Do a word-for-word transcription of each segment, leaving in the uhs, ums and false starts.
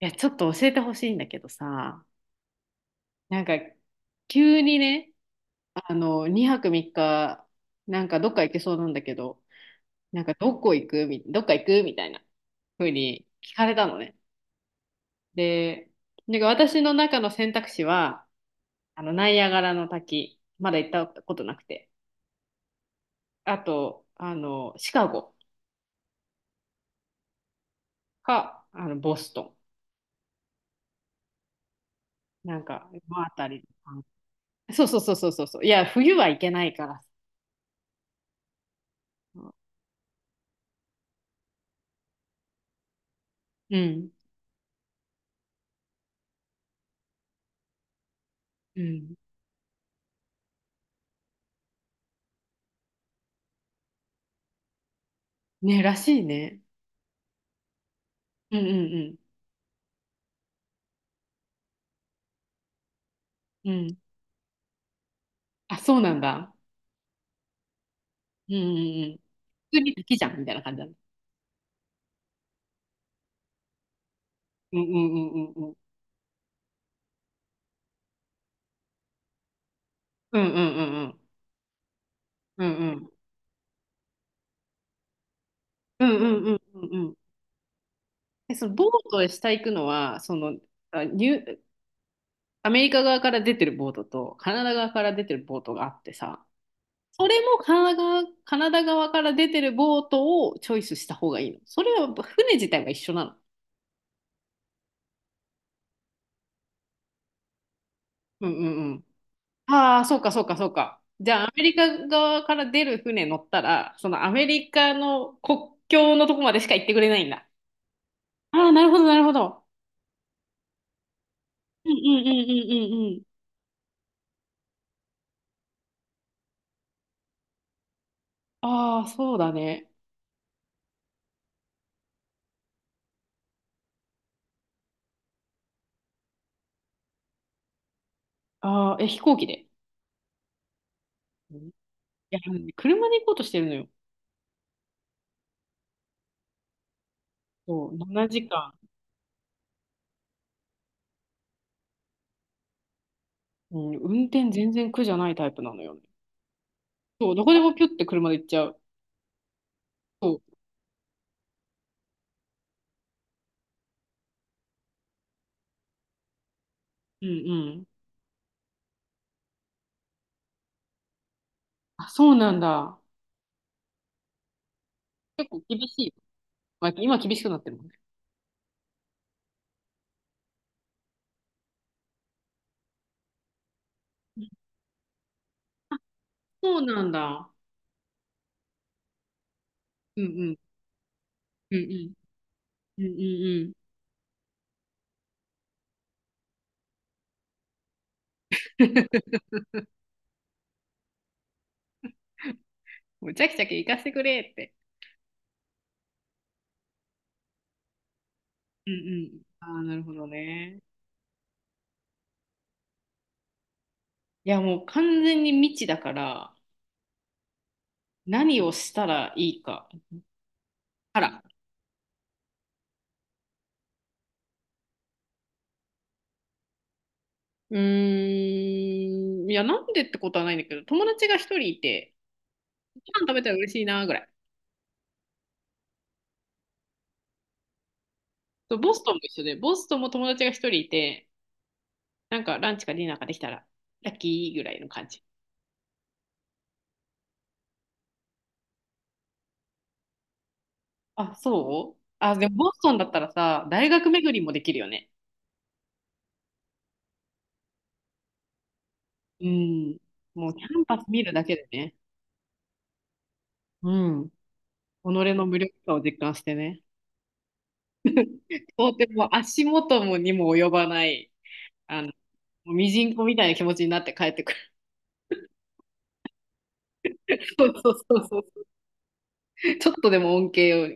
いや、ちょっと教えてほしいんだけどさ、なんか急にね、あの、にはくみっか、なんかどっか行けそうなんだけど、なんかどこ行くみ、どっか行くみたいな風に聞かれたのね。で、なんか私の中の選択肢は、あの、ナイアガラの滝、まだ行ったことなくて、あと、あの、シカゴか、あの、ボストン、なんか、このあたり。そうそうそうそうそうそう。いや、冬は行けないから。うん。うん。ね、らしいね。うんうんうん。うん。あ、そうなんだ。うんうんうん。普通に好きじゃんみたいな感じだね。うんうんうんうんうん。うんうんうんうん。うんうんうんうんうん。え、そのボートへ下行くのは、その、あニュ、アメリカ側から出てるボートと、カナダ側から出てるボートがあってさ、それもカナダ側、カナダ側から出てるボートをチョイスした方がいいの。それは船自体は一緒なの。うんうん。ああ、そうか、そうか、そうか。じゃあ、アメリカ側から出る船乗ったら、そのアメリカの国境のとこまでしか行ってくれないんだ。ああ、なるほど、なるほど。うんうんうんうんうんうん。ああ、そうだね。ああ、え、飛行機で。うん。いや、車で行こうとしてるのよ。そう、しちじかん。うん、運転全然苦じゃないタイプなのよね。そう、どこでもピュって車で行っちゃう。そう。うんうん。あ、そうなんだ。結構厳しい。まあ、今厳しくなってるもんね。そうなんだ。うんうん。うんうん。うんうんうん。むちゃくちゃ行かせてくれって。うんうん。ああ、なるほどね。いや、もう完全に未知だから、何をしたらいいか。あら。うーん。いや、なんでってことはないんだけど、友達が一人いて、ご飯食べたら嬉しいな、ぐらい。そう。ボストンも一緒で、ボストンも友達が一人いて、なんかランチかディナーかできたら、ラッキーぐらいの感じ。あ、そう。あ、でもボストンだったらさ、大学巡りもできるよね。うん。もうキャンパス見るだけでね。うん。己の無力さを実感してね。とても足元もにも及ばない、もうミジンコみたいな気持ちになって帰ってくる。そうそうそうそう。ちょっとでも恩恵を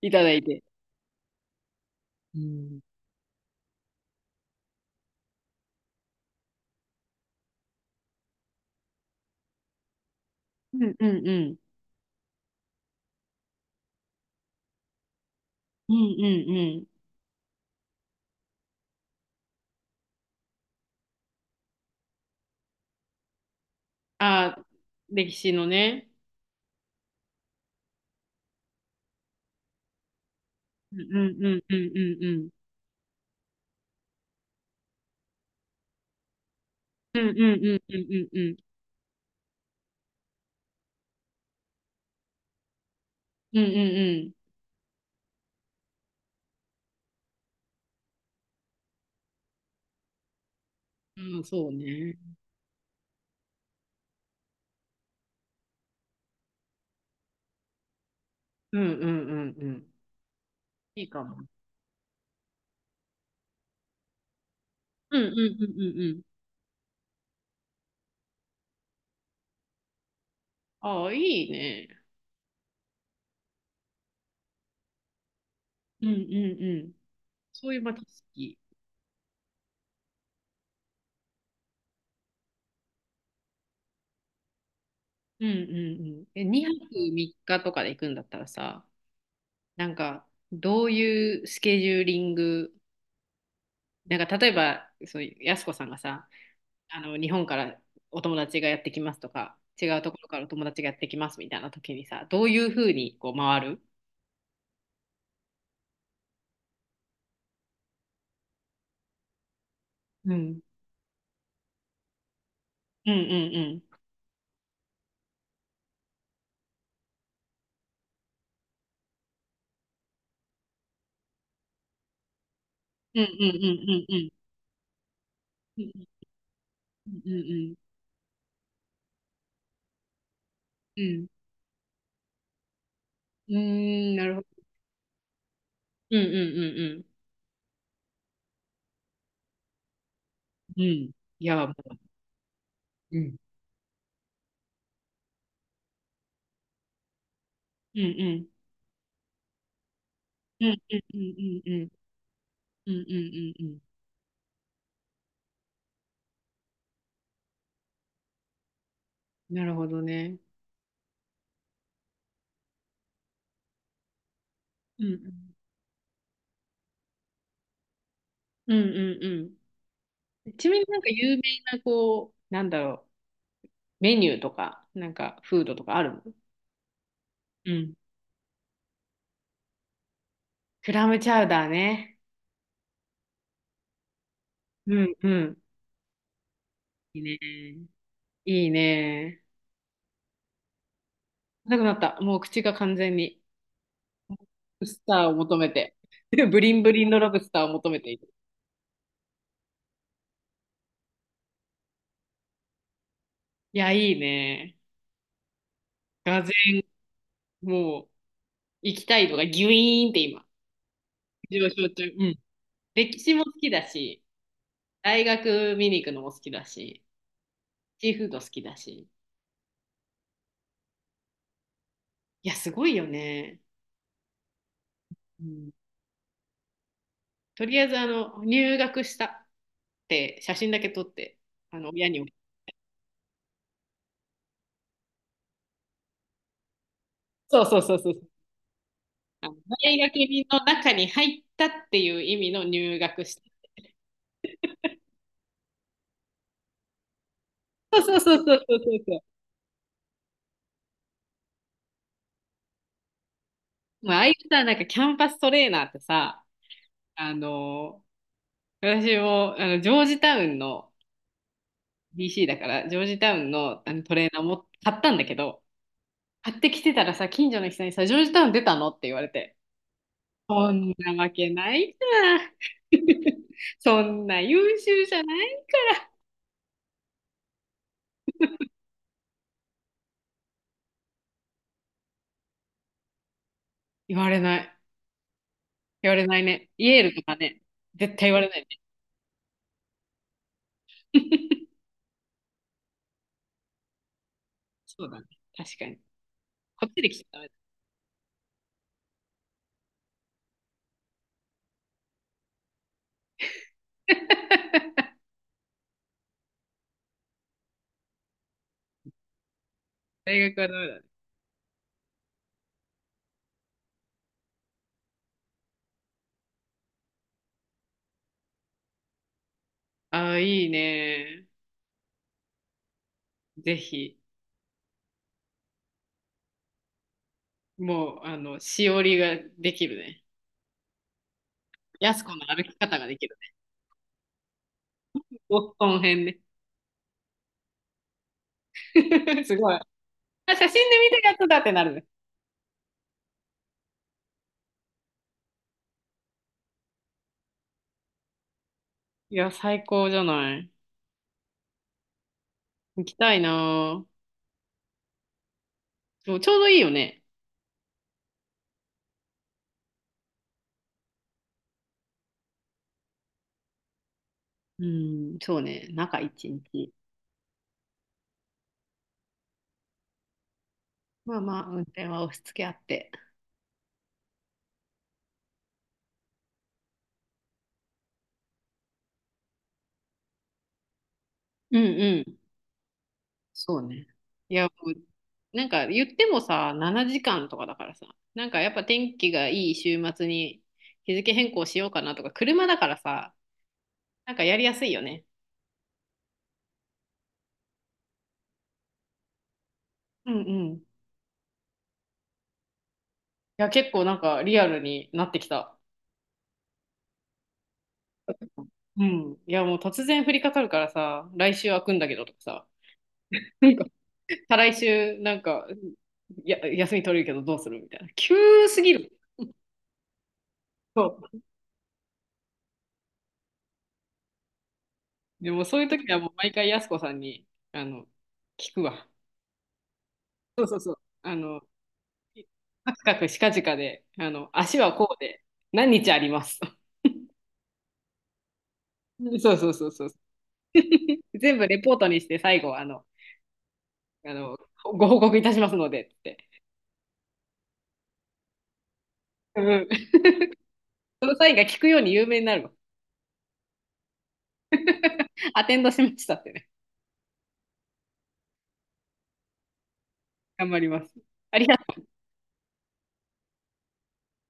いただいて。うん。うんうんうん。うんうんうん。ああ、歴史のね。うんうんうんうんうんうん。うんうんうんうんうんうん。うんうんうん。うん、そうね。うんうんうんうん。いいかも。うんうんうんうんうん。ああ、いいね。うんうんうん。そういうまあ知識。うんうんうん。え、にはくみっかとかで行くんだったらさ、なんか、どういうスケジューリング、なんか、例えば、そういう、やすこさんがさ、あの、日本からお友達がやってきますとか、違うところからお友達がやってきますみたいな時にさ、どういうふうにこう回る？うん。うんうんうん。うんうんうんうんうん。うんうんうんうん。うん。うーん、なるほど。うんうんうんうん。うん。いや、もう。うん。うんうん。うんうんうんうんうん。うんうんうんうん。なるほどね。うんうんうんうんうん。ちなみになんか有名な、こう、なんだろう、メニューとか、なんかフードとかあるの？うん。クラムチャウダーね。うんうん。いいね。いいね。なくなった。もう口が完全に、ロブスターを求めて。ブリンブリンのロブスターを求めている。いや、いいね。がぜん、もう、行きたいのがギュイーンって今、上昇中。うん。歴史も好きだし、大学見に行くのも好きだし。シーフード好きだし。いや、すごいよね。うん。とりあえず、あの、入学したって写真だけ撮って、あの、親に送っ。そうそうそうそう。あの大学の中に入ったっていう意味の入学した。そうそうそうそうそうそうそう。まあ、ああいうさ、なんかキャンパストレーナーってさ、あの私もあのジョージタウンの ディーシー だから、ジョージタウンの、あのトレーナーも買ったんだけど、買ってきてたらさ、近所の人にさ、ジョージタウン出たのって言われて、そんなわけないじゃん。そんな優秀じゃない。言われない。言われないね。イエールとかね。絶対言われないね。そうだね。確かに。こっちで来ちゃダメだ。大学はダメだね。ああ、いいね。ぜひ。もう、あの、しおりができるね。やす子の歩き方ができるね。ボストン編ね。すごい。あ、写真で見たやつだってなるね。いや、最高じゃない。行きたいなあ。そう、ちょうどいいよね。うん、そうね、中一日。まあまあ、運転は押し付け合って。うんうん、そうね。いや、もうなんか言ってもさ、しちじかんとかだからさ、なんかやっぱ天気がいい週末に日付変更しようかなとか、車だからさ、なんかやりやすいよね。うんうん。いや、結構なんかリアルになってきた。うん。いや、もう突然降りかかるからさ、来週開くんだけどとかさ、なんか再来週なんか、や、休み取れるけどどうするみたいな。急すぎる。そう。でもそういう時はもう毎回やす子さんに、あの、聞くわ。そうそうそう。あの、カクカクしかじかで、あの、足はこうで、何日あります。そうそうそうそう。全部レポートにして最後、あの、あの、ご報告いたしますのでって。うん。その際が聞くように有名になるわ。アテンドしましたってね。頑張ります。ありがとう